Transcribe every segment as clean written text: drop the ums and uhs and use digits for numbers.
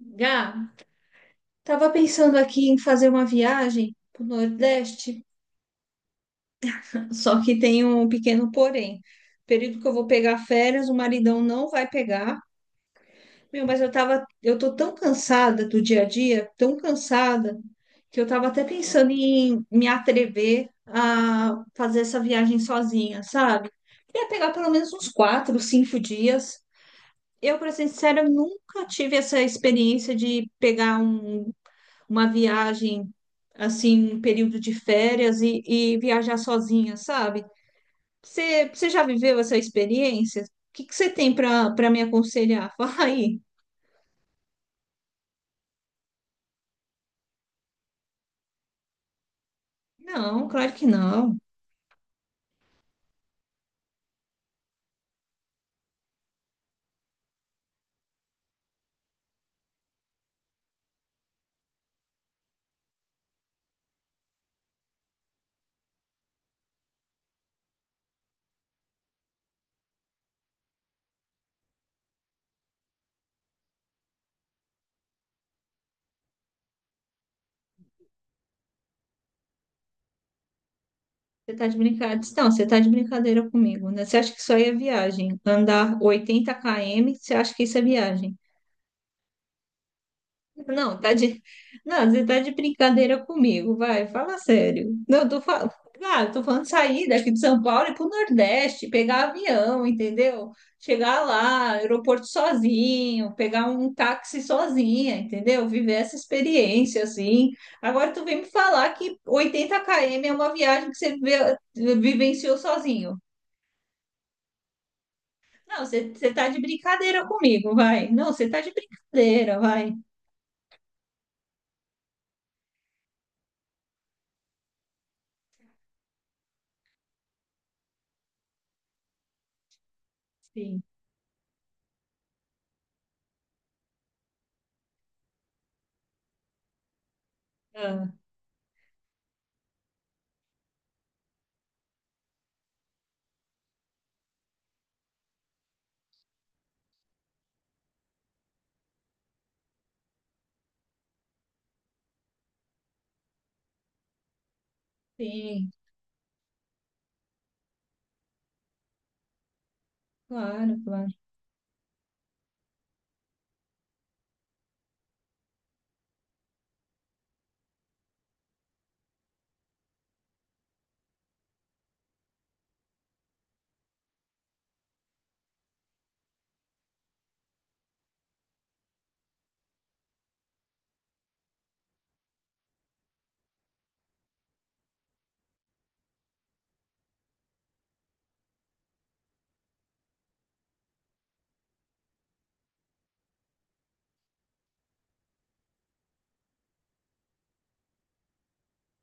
Gá, tava pensando aqui em fazer uma viagem pro Nordeste, só que tem um pequeno porém. Período que eu vou pegar férias, o maridão não vai pegar. Meu, mas eu tô tão cansada do dia a dia, tão cansada, que eu tava até pensando em me atrever a fazer essa viagem sozinha, sabe? Queria pegar pelo menos uns 4, 5 dias. Eu, para ser sincera, nunca tive essa experiência de pegar uma viagem assim, um período de férias e viajar sozinha, sabe? Você já viveu essa experiência? O que que você tem para me aconselhar? Fala aí. Não, claro que não. Você tá de brincadeira. Não, você tá de brincadeira comigo, né? Você acha que isso aí é viagem? Andar 80 km, você acha que isso é viagem? Não, não, você tá de brincadeira comigo, vai, fala sério. Não, eu tô falando, claro, tô falando de sair daqui de São Paulo e ir pro Nordeste, pegar avião, entendeu? Chegar lá, aeroporto sozinho, pegar um táxi sozinha, entendeu? Viver essa experiência assim. Agora tu vem me falar que 80 km é uma viagem que você vivenciou sozinho. Não, você tá de brincadeira comigo, vai. Não, você tá de brincadeira, vai. Sim. Ah, sim. Claro, claro,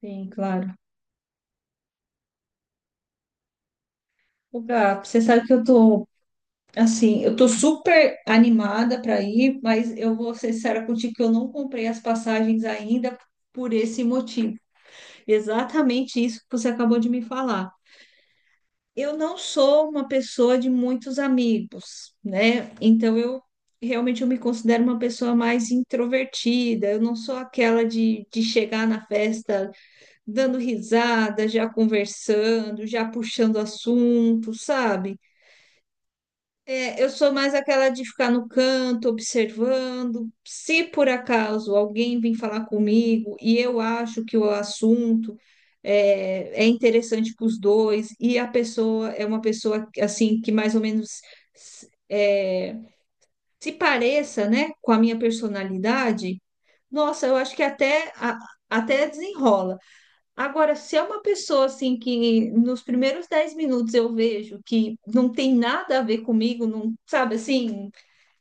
sim, claro. O Gá, você sabe que assim, eu tô super animada para ir, mas eu vou ser sincera contigo que eu não comprei as passagens ainda por esse motivo. Exatamente isso que você acabou de me falar. Eu não sou uma pessoa de muitos amigos, né? Então eu realmente eu me considero uma pessoa mais introvertida. Eu não sou aquela de chegar na festa dando risada, já conversando, já puxando assunto, sabe? É, eu sou mais aquela de ficar no canto, observando. Se por acaso alguém vir falar comigo e eu acho que o assunto é interessante para os dois e a pessoa é uma pessoa assim que mais ou menos é, se pareça, né, com a minha personalidade, nossa, eu acho que até até desenrola. Agora, se é uma pessoa assim que nos primeiros 10 minutos eu vejo que não tem nada a ver comigo, não, sabe assim,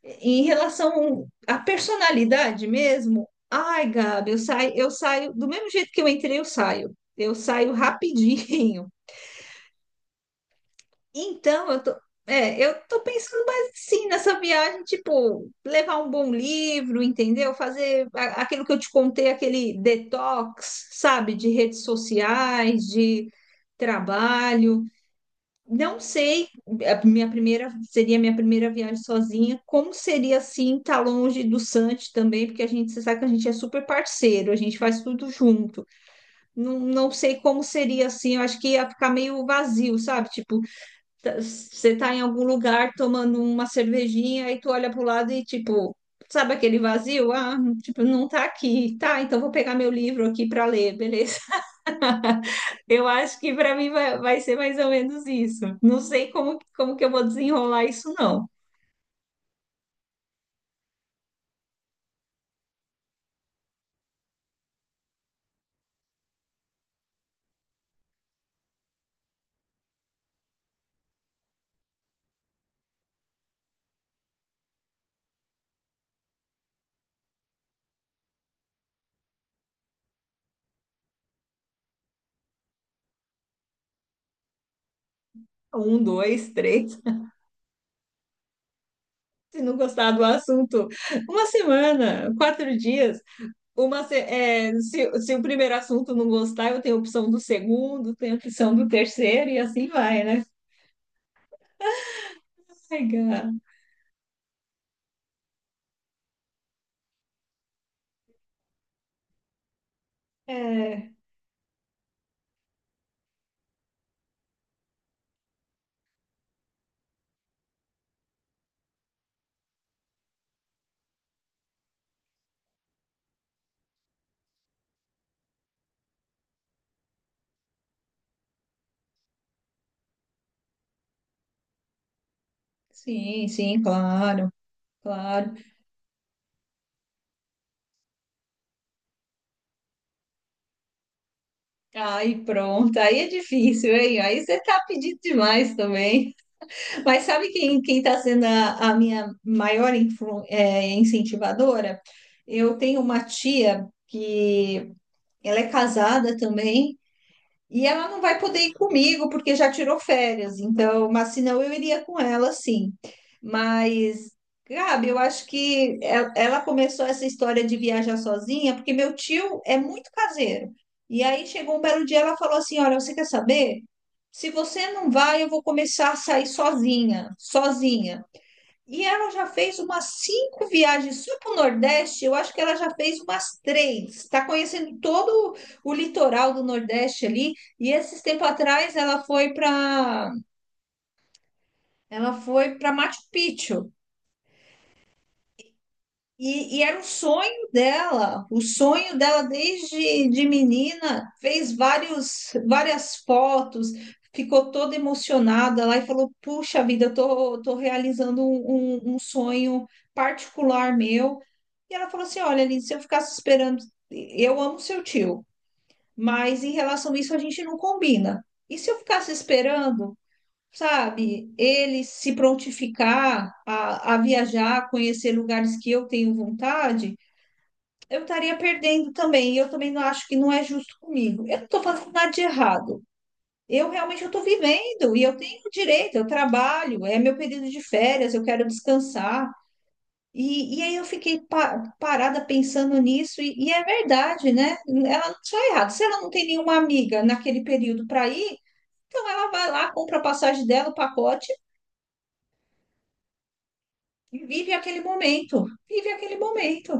em relação à personalidade mesmo, ai, Gabi, eu saio do mesmo jeito que eu entrei, eu saio. Eu saio rapidinho. Então, eu tô pensando mais assim nessa viagem, tipo, levar um bom livro, entendeu? Fazer aquilo que eu te contei, aquele detox, sabe, de redes sociais, de trabalho. Não sei, a minha primeira seria a minha primeira viagem sozinha. Como seria assim estar longe do Santi também, porque a gente você sabe que a gente é super parceiro, a gente faz tudo junto. Não, não sei como seria assim, eu acho que ia ficar meio vazio, sabe? Tipo, você tá em algum lugar tomando uma cervejinha e tu olha pro lado e tipo, sabe aquele vazio? Ah, tipo, não tá aqui. Tá, então vou pegar meu livro aqui para ler, beleza? Eu acho que para mim vai ser mais ou menos isso. Não sei como que eu vou desenrolar isso, não. Um, dois, três. Se não gostar do assunto, uma semana, 4 dias. Uma, se, é, se o primeiro assunto não gostar, eu tenho a opção do segundo, tenho a opção do terceiro e assim vai, né? Ai, é, sim, sim, claro, claro. Aí pronto, aí é difícil, hein? Aí você tá pedindo demais também. Mas sabe quem tá sendo a minha maior incentivadora? Eu tenho uma tia que ela é casada também. E ela não vai poder ir comigo porque já tirou férias, então, mas senão eu iria com ela, sim. Mas, Gabi, eu acho que ela começou essa história de viajar sozinha porque meu tio é muito caseiro. E aí chegou um belo dia, ela falou assim: Olha, você quer saber? Se você não vai, eu vou começar a sair sozinha, sozinha. E ela já fez umas cinco viagens só para o Nordeste. Eu acho que ela já fez umas três. Está conhecendo todo o litoral do Nordeste ali. E esses tempo atrás ela foi para Machu Picchu. E era o sonho dela desde de menina, fez várias fotos, ficou toda emocionada lá e falou: Puxa vida, eu tô realizando um sonho particular meu. E ela falou assim: Olha, Aline, se eu ficasse esperando, eu amo seu tio, mas em relação a isso a gente não combina. E se eu ficasse esperando? Sabe, ele se prontificar a viajar, conhecer lugares que eu tenho vontade, eu estaria perdendo também. E eu também não acho que não é justo comigo. Eu não estou fazendo nada de errado. Eu realmente estou vivendo e eu tenho direito, eu trabalho, é meu período de férias, eu quero descansar. E aí eu fiquei parada pensando nisso, e é verdade, né? Ela não está errada. Se ela não tem nenhuma amiga naquele período para ir, então ela vai lá, compra a passagem dela, o pacote e vive aquele momento, vive aquele momento.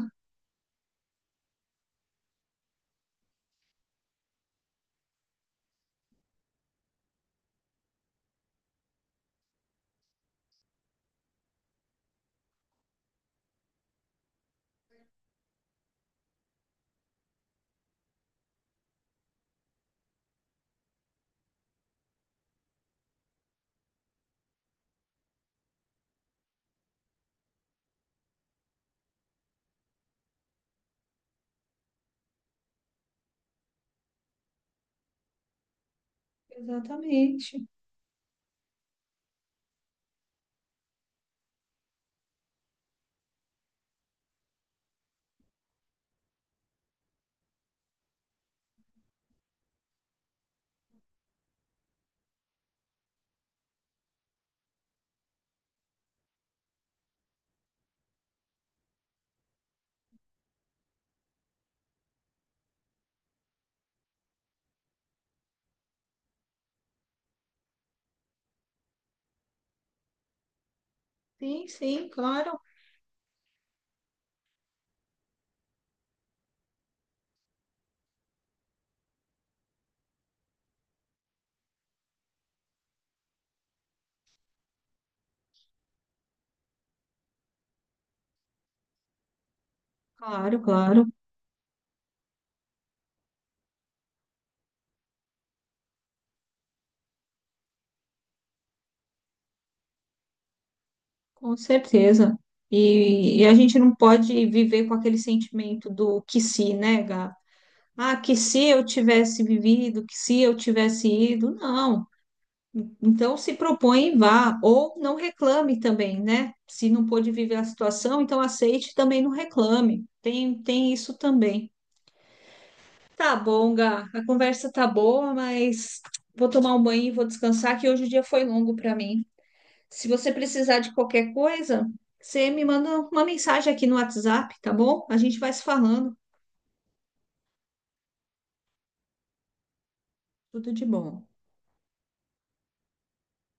Exatamente. Sim, sim, claro, claro, claro, com certeza. E a gente não pode viver com aquele sentimento do que se, né, Gá? Ah, que se eu tivesse vivido, que se eu tivesse ido, não. Então se propõe e vá, ou não reclame também, né? Se não pôde viver a situação, então aceite e também não reclame. Tem isso também. Tá bom, Gá. A conversa tá boa, mas vou tomar um banho e vou descansar, que hoje o dia foi longo para mim. Se você precisar de qualquer coisa, você me manda uma mensagem aqui no WhatsApp, tá bom? A gente vai se falando. Tudo de bom.